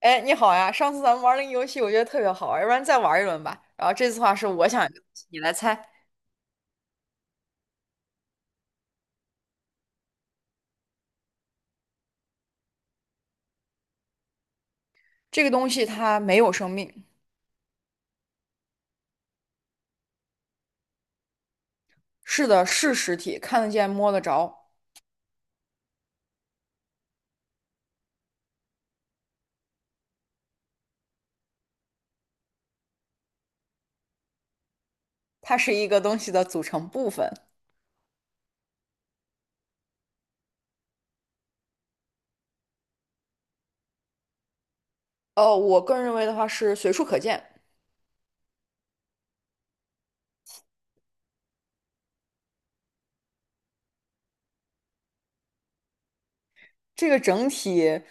哎，你好呀！上次咱们玩儿那个游戏，我觉得特别好玩儿，要不然再玩儿一轮吧。然后这次的话是我想一个东西，你来猜。这个东西它没有生命。是的，是实体，看得见、摸得着，它是一个东西的组成部分。哦，我个人认为的话是随处可见。这个整体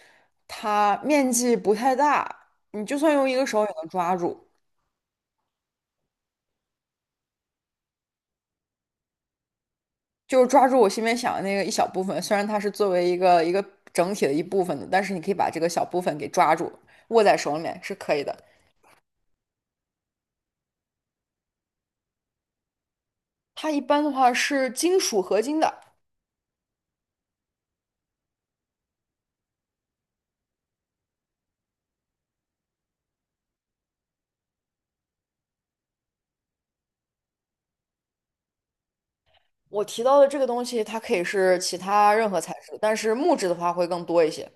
它面积不太大，你就算用一个手也能抓住，就是抓住我心里面想的那个一小部分。虽然它是作为一个整体的一部分的，但是你可以把这个小部分给抓住，握在手里面是可以的。它一般的话是金属合金的。我提到的这个东西，它可以是其他任何材质，但是木质的话会更多一些。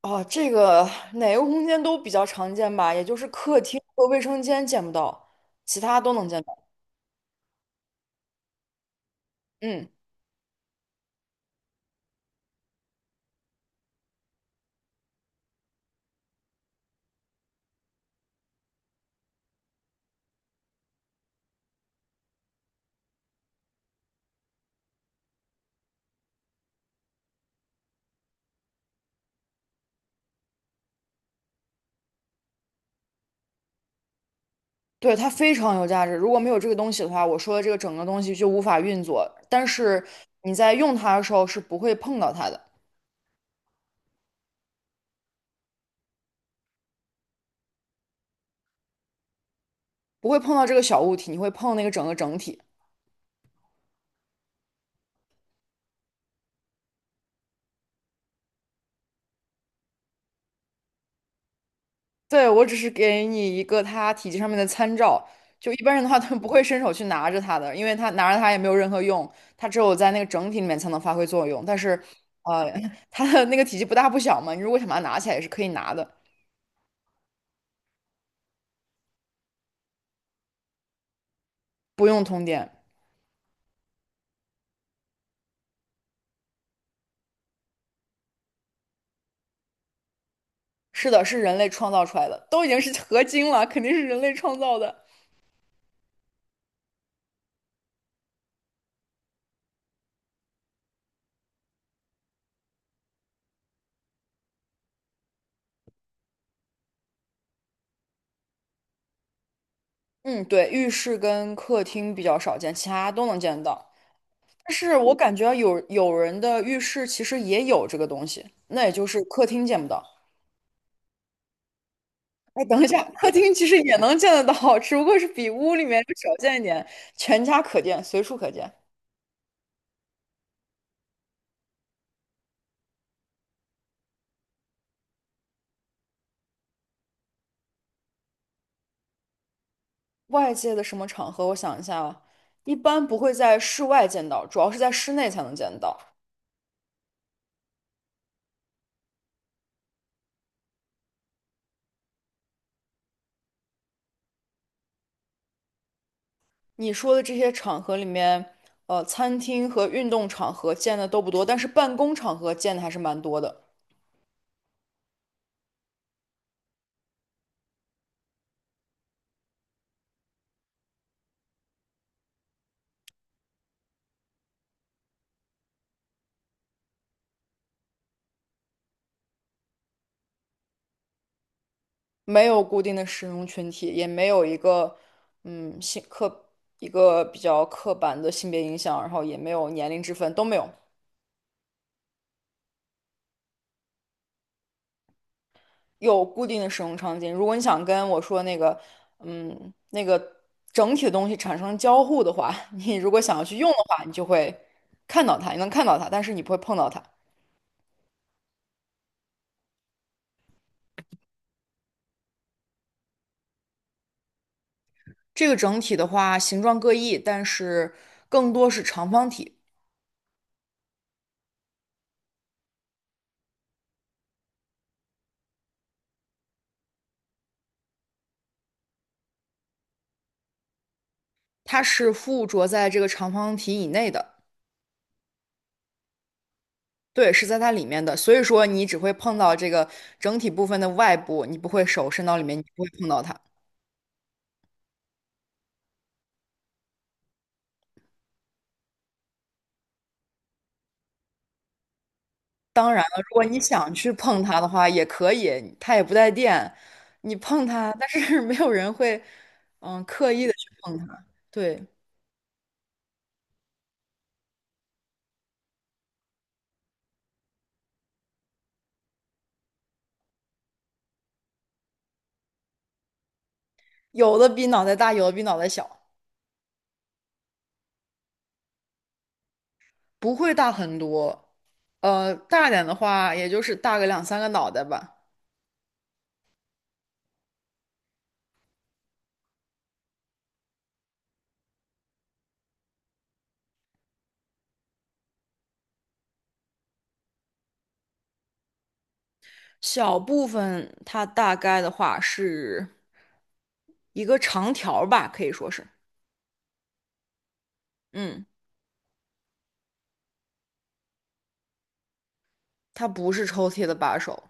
啊，这个哪个空间都比较常见吧，也就是客厅和卫生间见不到，其他都能见到。嗯，对，它非常有价值。如果没有这个东西的话，我说的这个整个东西就无法运作。但是你在用它的时候是不会碰到它的，不会碰到这个小物体，你会碰那个整个整体。对，我只是给你一个它体积上面的参照，就一般人的话，他们不会伸手去拿着它的，因为它拿着它也没有任何用，它只有在那个整体里面才能发挥作用。但是，呃，它的那个体积不大不小嘛，你如果想把它拿起来也是可以拿的，不用通电。是的，是人类创造出来的，都已经是合金了，肯定是人类创造的。嗯，对，浴室跟客厅比较少见，其他都能见到。但是我感觉有人的浴室其实也有这个东西，那也就是客厅见不到。哎，等一下，客厅其实也能见得到，只不过是比屋里面要少见一点，全家可见，随处可见。外界的什么场合？我想一下啊，一般不会在室外见到，主要是在室内才能见到。你说的这些场合里面，餐厅和运动场合见的都不多，但是办公场合见的还是蛮多的。没有固定的使用群体，也没有一个，嗯，一个比较刻板的性别影响，然后也没有年龄之分，都没有。有固定的使用场景。如果你想跟我说那个，嗯，那个整体的东西产生交互的话，你如果想要去用的话，你就会看到它，你能看到它，但是你不会碰到它。这个整体的话，形状各异，但是更多是长方体，它是附着在这个长方体以内的。对，是在它里面的，所以说你只会碰到这个整体部分的外部，你不会手伸到里面，你不会碰到它。当然了，如果你想去碰它的话，也可以，它也不带电，你碰它，但是 没有人会，嗯，刻意的去碰它。对，有的比脑袋大，有的比脑袋小，不会大很多。大点的话，也就是大个两三个脑袋吧。小部分它大概的话是一个长条儿吧，可以说是，嗯，它不是抽屉的把手。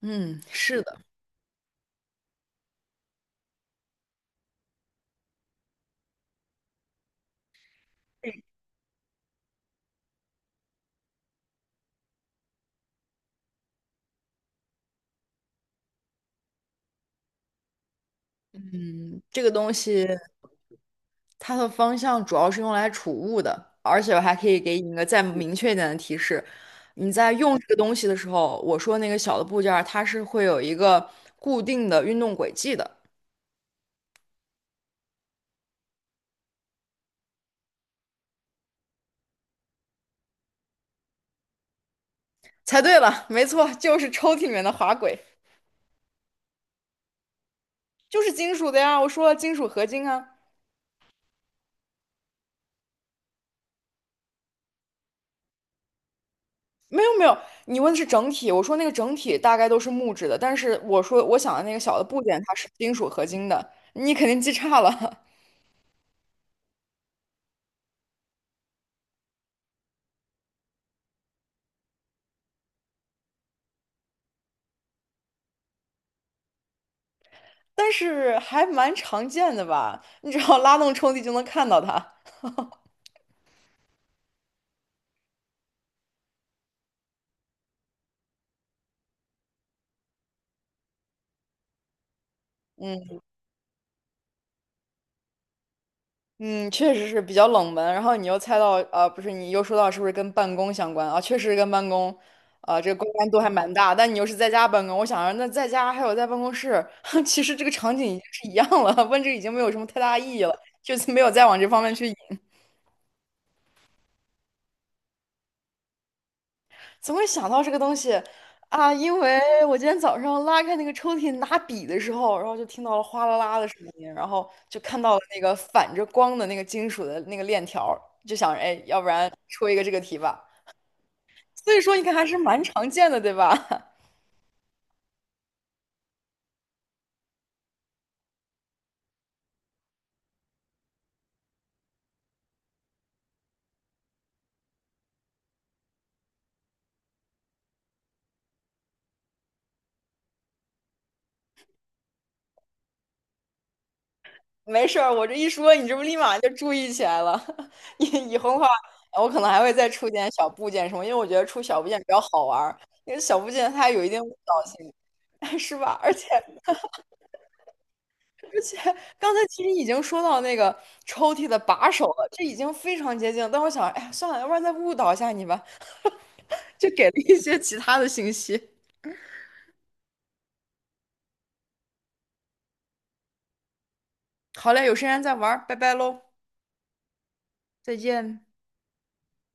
嗯，是的，嗯，这个东西。它的方向主要是用来储物的，而且我还可以给你一个再明确一点的提示：你在用这个东西的时候，我说那个小的部件儿，它是会有一个固定的运动轨迹的。猜对了，没错，就是抽屉里面的滑轨，就是金属的呀。我说了，金属合金啊。没有没有，你问的是整体，我说那个整体大概都是木质的，但是我说我想的那个小的部件它是金属合金的，你肯定记差了。但是还蛮常见的吧？你只要拉动抽屉就能看到它。嗯嗯，确实是比较冷门。然后你又猜到，不是，你又说到是不是跟办公相关啊？确实是跟办公，啊、这个关联度还蛮大。但你又是在家办公，我想着那在家还有在办公室，其实这个场景已经是一样了，问这个已经没有什么太大意义了，就是没有再往这方面去引。怎么会想到这个东西啊？因为我今天早上拉开那个抽屉拿笔的时候，然后就听到了哗啦啦的声音，然后就看到了那个反着光的那个金属的那个链条儿，就想着，哎，要不然出一个这个题吧。所以说，你看还是蛮常见的，对吧？没事儿，我这一说，你这不立马就注意起来了。以后的话，我可能还会再出点小部件什么，因为我觉得出小部件比较好玩儿，因为小部件它有一定误导性。是吧？而且刚才其实已经说到那个抽屉的把手了，这已经非常接近了。但我想，哎呀，算了，要不然再误导一下你吧，就给了一些其他的信息。好嘞，有时间再玩儿，拜拜喽，再见。